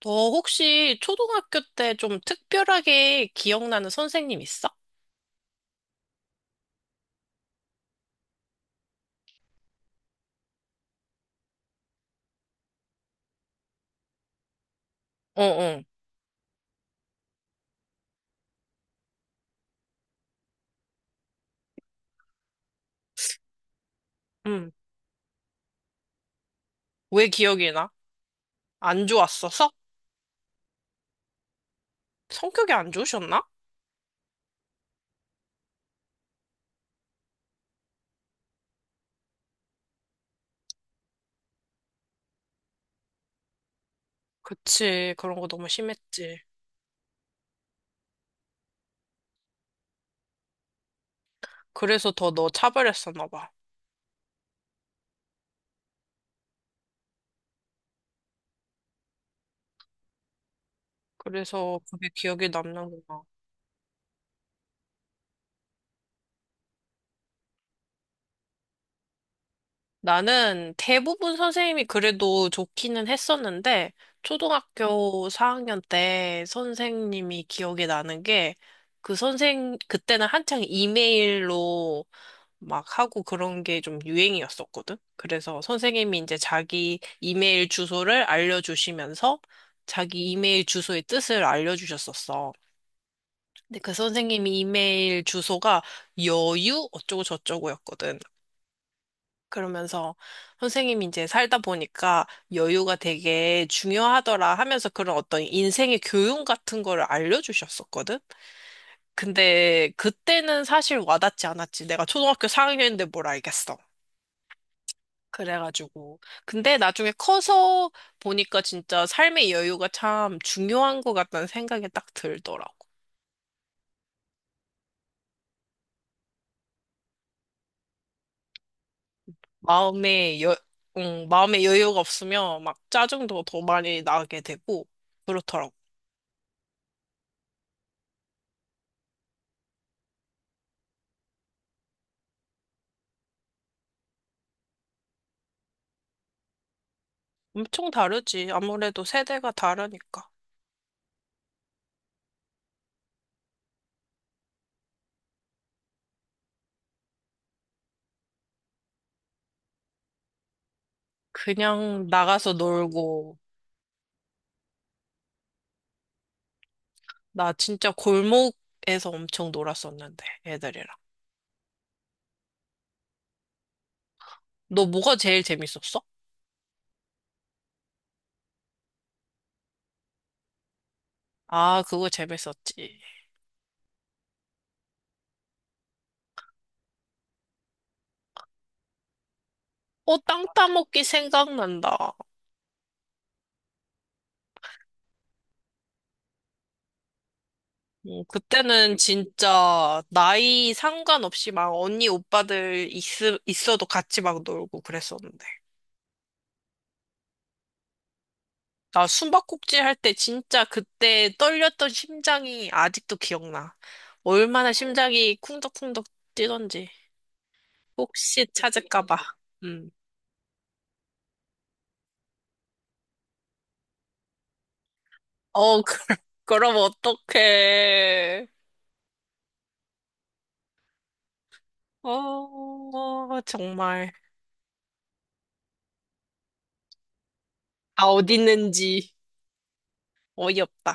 너 혹시 초등학교 때 좀 특별하게 기억나는 선생님 있어? 어, 어. 응. 왜 기억이 나? 안 좋았어서? 성격이 안 좋으셨나? 그치. 그런 거 너무 심했지. 그래서 더 너 차별했었나 봐. 그래서 그게 기억에 남는구나. 나는 대부분 선생님이 그래도 좋기는 했었는데, 초등학교 4학년 때 선생님이 기억에 나는 게, 그때는 한창 이메일로 막 하고 그런 게 좀 유행이었었거든? 그래서 선생님이 이제 자기 이메일 주소를 알려주시면서 자기 이메일 주소의 뜻을 알려주셨었어. 근데 그 선생님이 이메일 주소가 여유 어쩌고 저쩌고였거든. 그러면서 선생님이 이제 살다 보니까 여유가 되게 중요하더라 하면서 그런 어떤 인생의 교훈 같은 거를 알려주셨었거든? 근데 그때는 사실 와닿지 않았지. 내가 초등학교 4학년인데 뭘 알겠어. 그래가지고. 근데 나중에 커서 보니까 진짜 삶의 여유가 참 중요한 것 같다는 생각이 딱 들더라고. 마음에 여, 마음에 여유가 없으면 막 짜증도 더 많이 나게 되고, 그렇더라고. 엄청 다르지. 아무래도 세대가 다르니까. 그냥 나가서 놀고, 나 진짜 골목에서 엄청 놀았었는데, 애들이랑. 너 뭐가 제일 재밌었어? 아, 그거 재밌었지. 어, 땅 따먹기 생각난다. 그때는 진짜 나이 상관없이 막 언니 오빠들 있, 있어도 같이 막 놀고 그랬었는데. 나 숨바꼭질 할 때 진짜 그때 떨렸던 심장이 아직도 기억나. 얼마나 심장이 쿵덕쿵덕 뛰던지. 혹시 찾을까봐. 음. 어, 그, 그럼 어떡해. 어, 정말. 아, 어디 있는지 어이없다.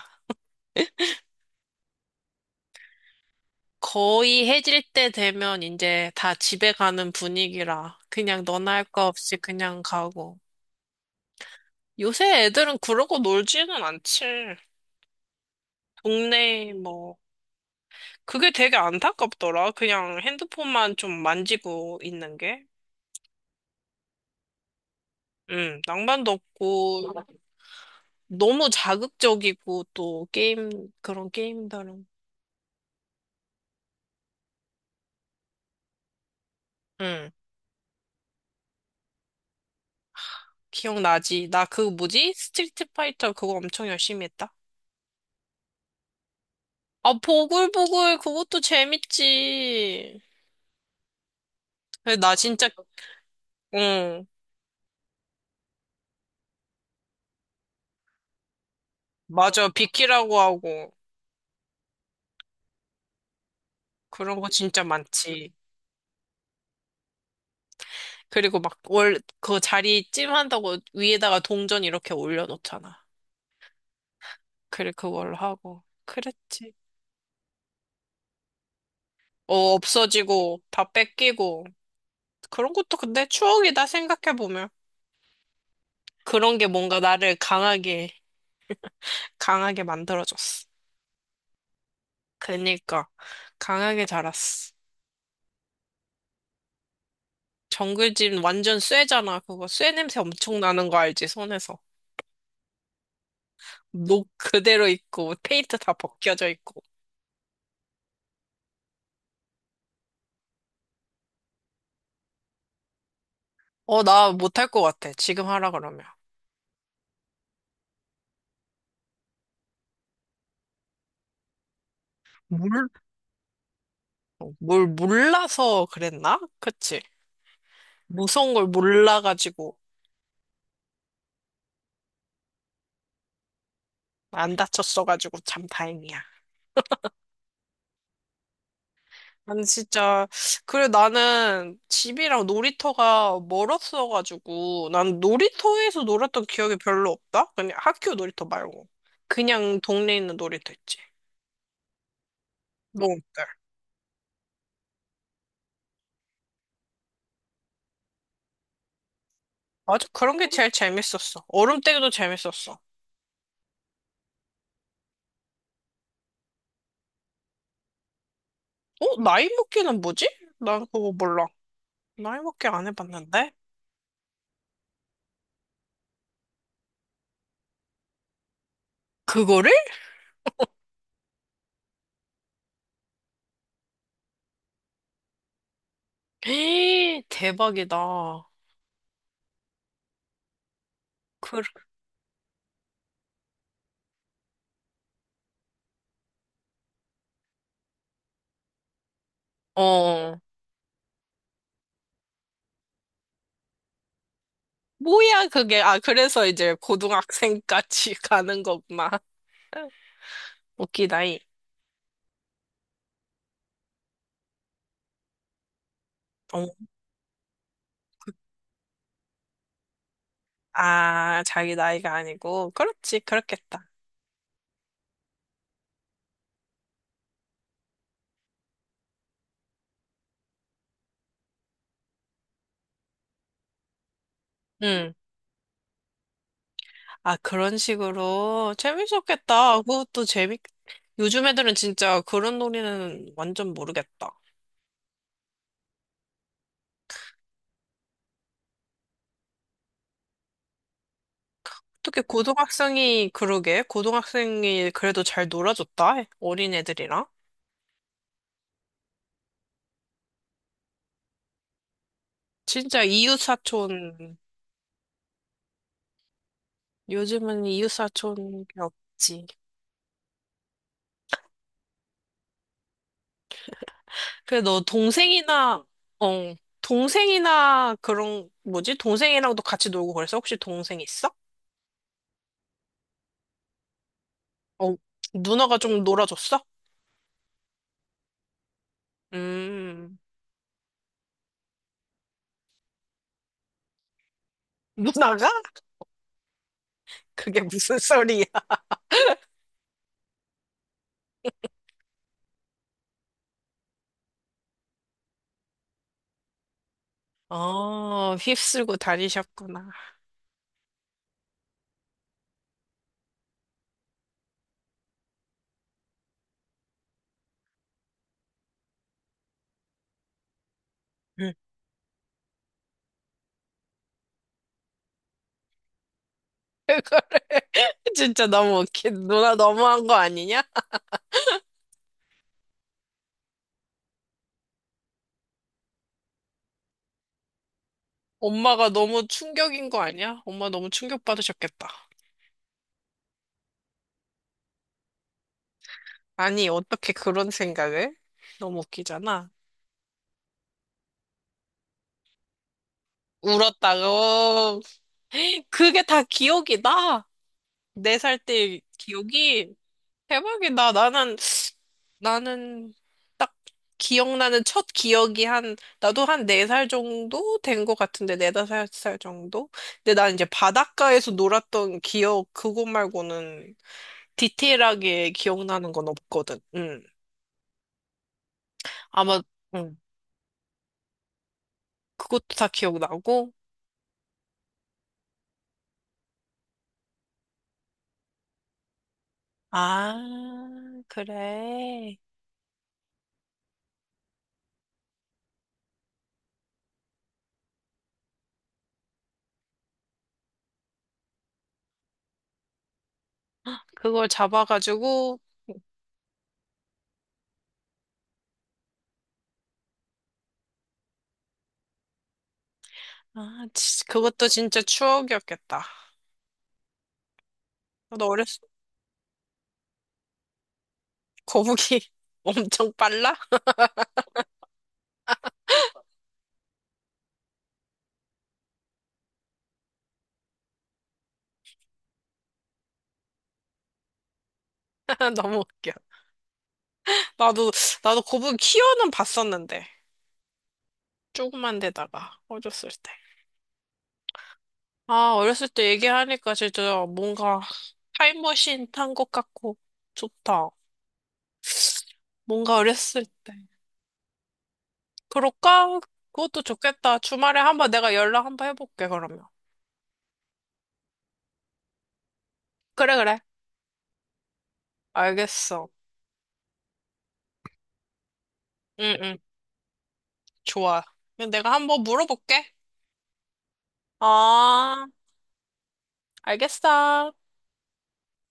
거의 해질 때 되면 이제 다 집에 가는 분위기라 그냥 너나 할 거 없이 그냥 가고. 요새 애들은 그러고 놀지는 않지. 동네 뭐 그게 되게 안타깝더라. 그냥 핸드폰만 좀 만지고 있는 게. 낭만도 없고, 너무 자극적이고, 또 게임, 그런 게임들은. 음, 기억나지? 나 그 뭐지? 스트리트 파이터 그거 엄청 열심히 했다. 아, 보글보글 그것도 재밌지. 근데 나 진짜, 응, 맞아. 비키라고 하고. 그런 거 진짜 많지. 그리고 막 월, 그 자리 찜한다고 위에다가 동전 이렇게 올려놓잖아. 그래, 그걸로 하고. 그랬지. 어, 없어지고, 다 뺏기고. 그런 것도 근데 추억이다, 생각해보면. 그런 게 뭔가 나를 강하게, 강하게 만들어줬어. 그니까, 강하게 자랐어. 정글짐 완전 쇠잖아, 그거. 쇠 냄새 엄청 나는 거 알지, 손에서. 녹 그대로 있고, 페인트 다 벗겨져 있고. 어, 나 못할 것 같아, 지금 하라 그러면. 물, 어, 뭘 몰라서 그랬나? 그치? 무서운 걸 몰라가지고. 안 다쳤어가지고 참 다행이야. 난 진짜, 그래, 나는 집이랑 놀이터가 멀었어가지고, 난 놀이터에서 놀았던 기억이 별로 없다? 그냥 학교 놀이터 말고. 그냥 동네에 있는 놀이터 있지. 너 어때? 맞아, 그런 게 제일 재밌었어. 얼음때기도 재밌었어. 어? 나이 먹기는 뭐지? 난 그거 몰라. 나이 먹기 안 해봤는데? 그거를? 에이, 대박이다. 그, 어. 뭐야, 그게. 아, 그래서 이제 고등학생까지 가는 거구나. 웃기다이. 어, 아, 자기 나이가 아니고. 그렇지, 그렇겠다. 응. 아, 그런 식으로. 재밌었겠다. 그것도 재밌, 요즘 애들은 진짜 그런 놀이는 완전 모르겠다. 어떻게 고등학생이, 그러게, 고등학생이 그래도 잘 놀아줬다. 어린 애들이랑. 진짜 이웃사촌, 요즘은 이웃사촌이 없지. 그래, 너 동생이나, 어, 동생이나 그런, 뭐지? 동생이랑도 같이 놀고 그래서 혹시 동생 있어? 어, 누나가 좀 놀아줬어? 음, 누나가? 그게 무슨 소리야? 어, 휩쓸고 다니셨구나. 그 진짜 너무 웃긴. 누나 너무한 거 아니냐? 엄마가 너무 충격인 거 아니야? 엄마 너무 충격받으셨겠다. 아니, 어떻게 그런 생각을? 너무 웃기잖아. 울었다고. 그게 다 기억이다. 네 살 때 기억이 대박이다. 나는 딱 기억나는 첫 기억이 한, 나도 한 네 살 정도 된 것 같은데, 네 다섯 살 정도? 근데 난 이제 바닷가에서 놀았던 기억, 그거 말고는 디테일하게 기억나는 건 없거든. 응. 아마, 응. 그것도 다 기억나고. 아, 그래. 그걸 잡아가지고, 아, 치- 그것도 진짜 추억이었겠다. 너 어렸을 거북이 엄청 빨라? 너무 웃겨. 나도, 나도 거북이 키워는 봤었는데. 조그만 데다가, 어렸을 때. 아, 어렸을 때 얘기하니까 진짜 뭔가 타임머신 탄 것 같고, 좋다. 뭔가 어렸을 때. 그럴까? 그것도 좋겠다. 주말에 한번 내가 연락 한번 해볼게, 그러면. 그래, 그래. 알겠어. 응, 응. 좋아. 그럼 내가 한번 물어볼게. 아, 알겠어.